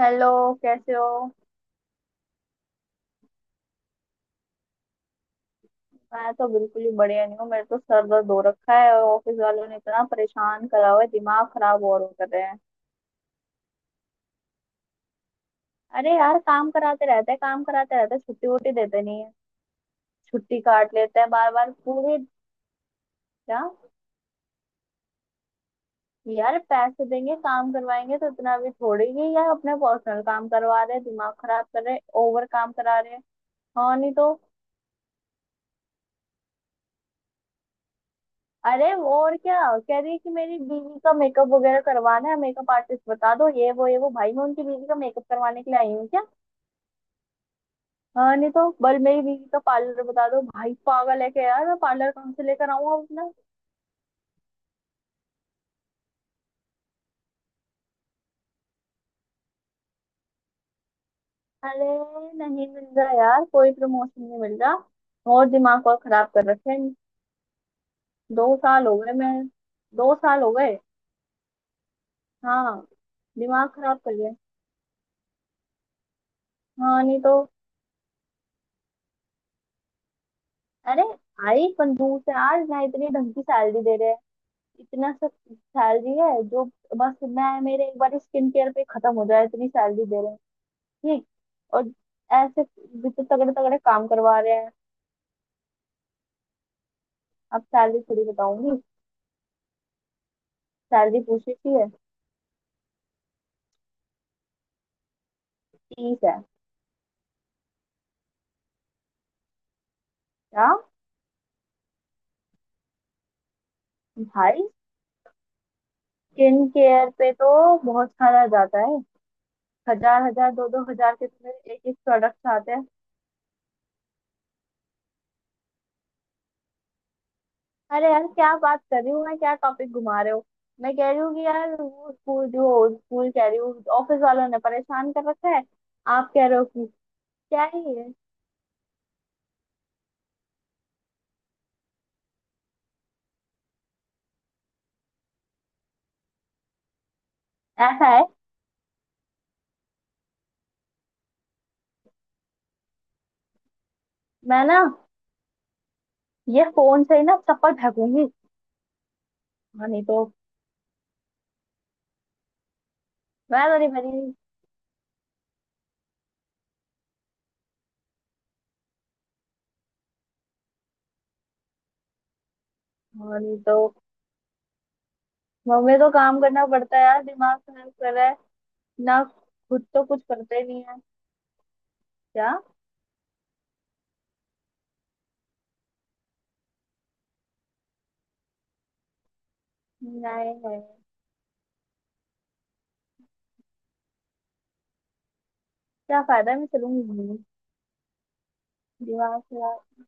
Hello, कैसे हो। मैं तो बिल्कुल ही बढ़िया नहीं हूँ। मेरे तो सर दर्द हो रखा है और ऑफिस वालों ने इतना परेशान करा हुआ है, दिमाग खराब और कर रहे हैं। अरे यार, काम कराते रहते हैं, काम कराते रहते हैं, छुट्टी वुट्टी देते नहीं है। छुट्टी काट लेते हैं बार बार पूरे। क्या यार, पैसे देंगे काम करवाएंगे तो इतना भी थोड़ी ही यार, अपने पर्सनल काम करवा रहे हैं, दिमाग खराब कर रहे हैं, ओवर काम करा रहे हैं। हाँ, नहीं तो। अरे, वो और क्या कह रही है कि मेरी बीवी का मेकअप वगैरह करवाना है, मेकअप आर्टिस्ट बता दो, ये वो ये वो। भाई, मैं उनकी बीवी का मेकअप करवाने के लिए आई हूँ क्या। हाँ, नहीं तो। बल मेरी बीवी का पार्लर बता दो। भाई पागल है क्या यार, मैं पार्लर कहाँ से लेकर आऊंगा अपना। अरे, नहीं मिल रहा यार, कोई प्रमोशन नहीं मिल रहा। और दिमाग और खराब कर रखे हैं। 2 साल हो गए मैं। 2 साल हो गए। हाँ, दिमाग खराब कर गए। हाँ, नहीं तो। अरे, आई कंजूस है यार ना, इतनी ढंग की सैलरी दे रहे हैं। इतना सब सैलरी है जो बस मैं मेरे एक बार स्किन केयर पे खत्म हो जाए, इतनी सैलरी दे रहे हैं। ठीक। और ऐसे भी तो तगड़े तगड़े काम करवा रहे हैं। अब सैलरी थोड़ी बताऊंगी। सैलरी पूछी थी है। 30 है। क्या? भाई, स्किन केयर पे तो बहुत सारा जाता है। हजार हजार, दो दो हजार के तुम्हें एक एक प्रोडक्ट आते हैं। अरे यार, क्या बात कर रही हूँ मैं, क्या टॉपिक घुमा रहे हो। मैं कह रही हूँ कि यार वो स्कूल, जो स्कूल कह रही हूँ, ऑफिस वालों ने परेशान कर रखा है। आप कह रहे हो कि क्या है ये। ऐसा है, मैं ना ये फोन से ही ना चप्पल फेंकूंगी। हाँ, नहीं तो। मैं तो नहीं मरी। हाँ, नहीं तो। मम्मी, तो काम करना पड़ता है यार, दिमाग खराब कर रहा है। ना, खुद तो कुछ करते ही नहीं है। क्या नहीं है। क्या फायदा है, मैं चलूंगी। दिमाग खराब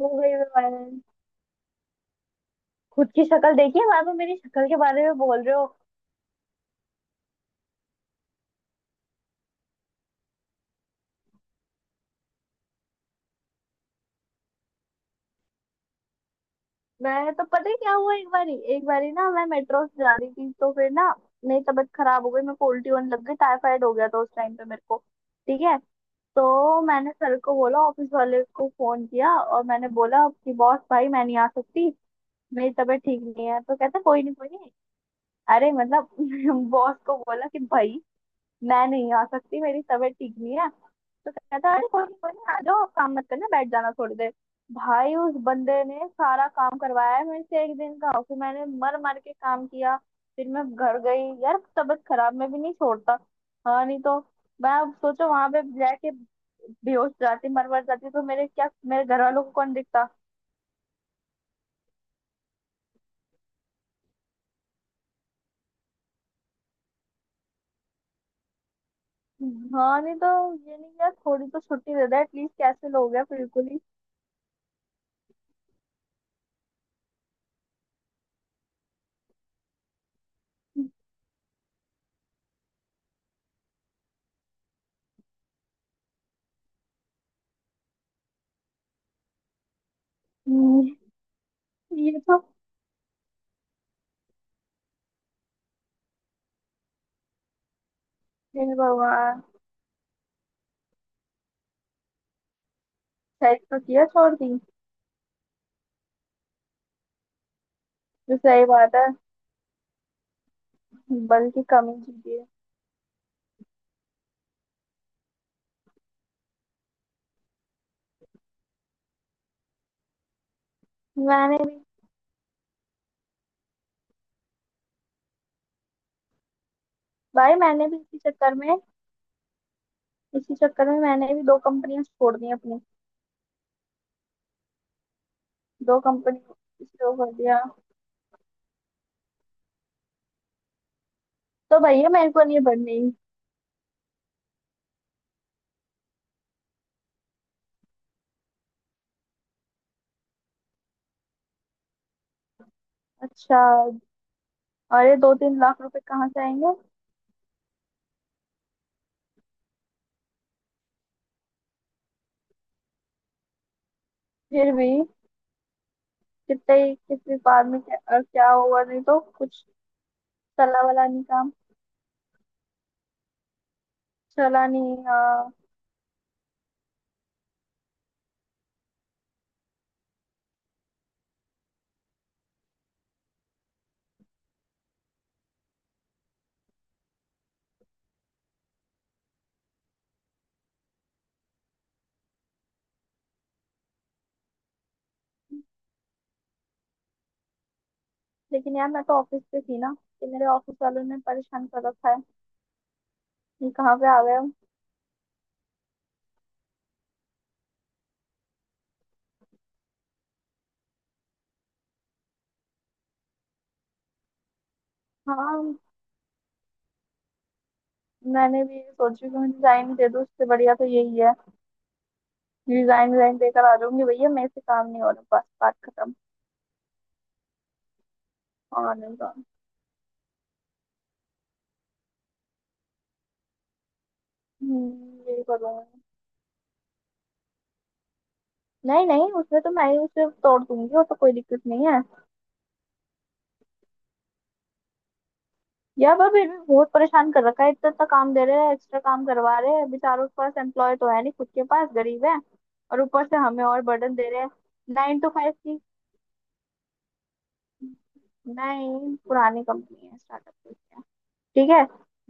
हो गई है मेरे। खुद की शक्ल देखिए, बाद में मेरी शक्ल के बारे में बोल रहे हो। मैं तो, पता है क्या हुआ, एक बारी ना मैं मेट्रो से जा रही थी तो फिर ना मेरी तबीयत खराब हो गई, मेरे को उल्टी होने लग गई। टाइफाइड हो गया था उस टाइम पे मेरे को। ठीक है। तो मैंने सर को बोला, ऑफिस वाले को फोन किया और मैंने बोला कि बॉस भाई मैं नहीं आ सकती, मेरी तबीयत ठीक नहीं है। तो कहते, कोई नहीं, कोई नहीं। अरे मतलब, बॉस को बोला कि भाई मैं नहीं आ सकती, मेरी तबीयत ठीक नहीं है। तो कहता है अरे कोई नहीं, कोई नहीं, आ जाओ, काम मत करना, बैठ जाना थोड़ी देर। भाई, उस बंदे ने सारा काम करवाया है मेरे से एक दिन का, फिर मैंने मर मर के काम किया। फिर मैं घर गई। यार तबीयत खराब, मैं भी नहीं छोड़ता। हाँ, नहीं तो। मैं, अब सोचो वहां पे जाके बेहोश जाती, मर मर जाती तो मेरे क्या, मेरे घर वालों को कौन दिखता। हाँ, नहीं तो। ये नहीं यार, थोड़ी तो छुट्टी दे दे एटलीस्ट, कैसे लोग हैं बिल्कुल ही। हम्म। ये तो। हे भगवान। सही तो किया, छोड़ दी। जो सही बात है। बल्कि कम ही कीजिए। मैंने भी। भाई मैंने भी इसी चक्कर में, इसी चक्कर में मैंने भी दो कंपनियां छोड़ दी अपनी। दो कंपनी इसलिए वो कर दिया। तो भैया, मेरे को नहीं बढ़नी। अच्छा। अरे, 2-3 लाख रुपए कहाँ से आएंगे। फिर भी कितने ही- किस व्यापार में क्या, क्या हुआ, नहीं तो कुछ चला वाला नहीं काम। चला नहीं, लेकिन यार मैं तो ऑफिस पे थी ना, कि मेरे ऑफिस वालों ने परेशान कर रखा है। ये कहाँ पे आ गए हो? हाँ, मैंने भी यही सोची कि मैं डिजाइन दे दूँ, उससे बढ़िया तो यही है। डिजाइन, डिजाइन देकर आ जाऊंगी भैया, मेरे से काम नहीं हो रहा, बस बात खत्म। और नहीं तो-। हम्म, यही करूंगी। नहीं नहीं, उसमें तो मैं ही उसे तोड़ दूंगी, वो तो कोई दिक्कत नहीं है। यार पर फिर भी बहुत परेशान कर रखा है, इतना इतना काम दे रहे हैं, एक्स्ट्रा काम करवा रहे हैं। बेचारों के पास एम्प्लॉय तो है नहीं खुद के पास, गरीब है, और ऊपर से हमें और बर्डन दे रहे हैं। 9 to 5 की। नहीं, पुरानी कंपनी है, स्टार्टअप। ठीक है।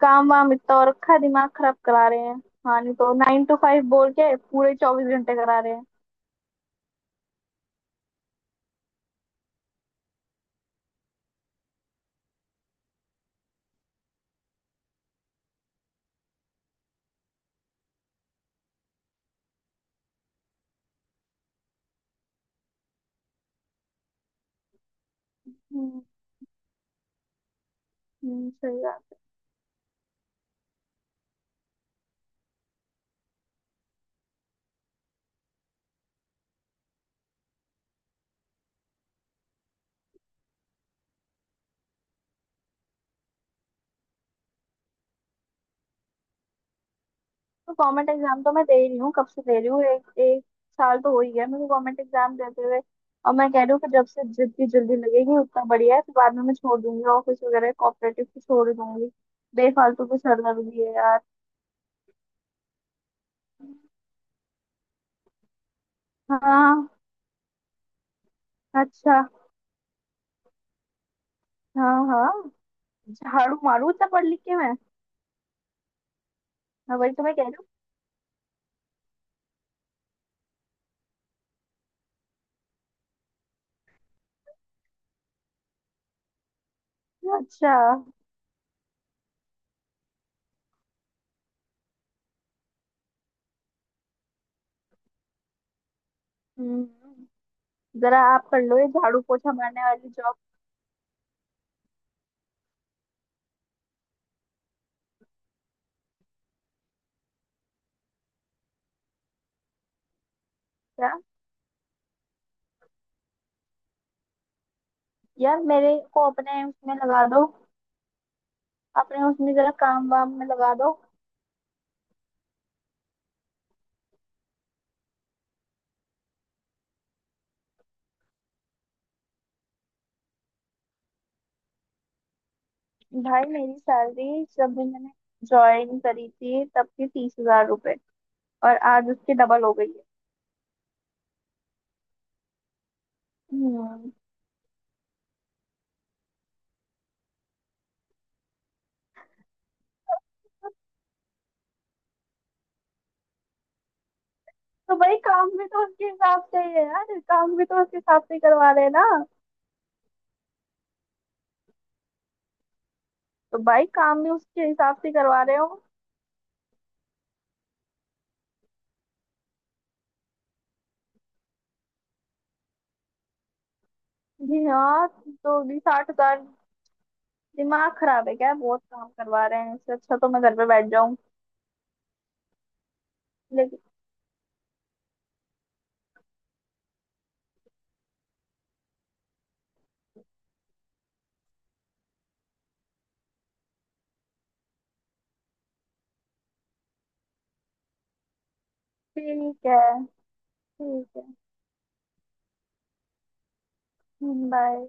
काम वाम इतना और रखा है, दिमाग खराब करा रहे हैं। हाँ, नहीं तो, 9 to 5 बोल के पूरे 24 घंटे करा रहे हैं। हम्म। सही बात है। तो गवर्नमेंट एग्जाम तो मैं दे रही हूँ, कब से दे रही हूँ। एक एक साल तो हो ही गया मेरे को गवर्नमेंट एग्जाम देते हुए। और मैं कह रही हूँ कि जब से जितनी जल्दी लगेगी उतना बढ़िया है, तो बाद में मैं छोड़ दूंगी ऑफिस वगैरह, कॉपरेटिव को छोड़ दूंगी। बेफालतू की सरदर्द भी है यार। हाँ। अच्छा। हाँ हाँ, झाड़ू मारू इतना पढ़ लिख के मैं। हाँ, वही तो मैं कह रही हूँ। अच्छा। हम्म। जरा आप कर लो ये झाड़ू पोछा मारने वाली जॉब। क्या यार, मेरे को अपने उसमें लगा दो। अपने उसमें जरा काम वाम में लगा दो। भाई मेरी सैलरी, जब भी मैंने ज्वाइन करी थी, तब थी 30,000 रुपए, और आज उसकी डबल हो गई है। हम्म। तो भाई काम भी तो उसके हिसाब से ही है यार, काम भी तो उसके हिसाब से ही करवा रहे हैं ना। तो भाई काम भी उसके हिसाब से करवा रहे हो। जी हाँ। तो भी 60,000, दिमाग खराब है क्या, बहुत काम करवा रहे हैं। इससे अच्छा तो मैं घर पे बैठ जाऊं। लेकिन, ठीक है। ठीक है। बाय।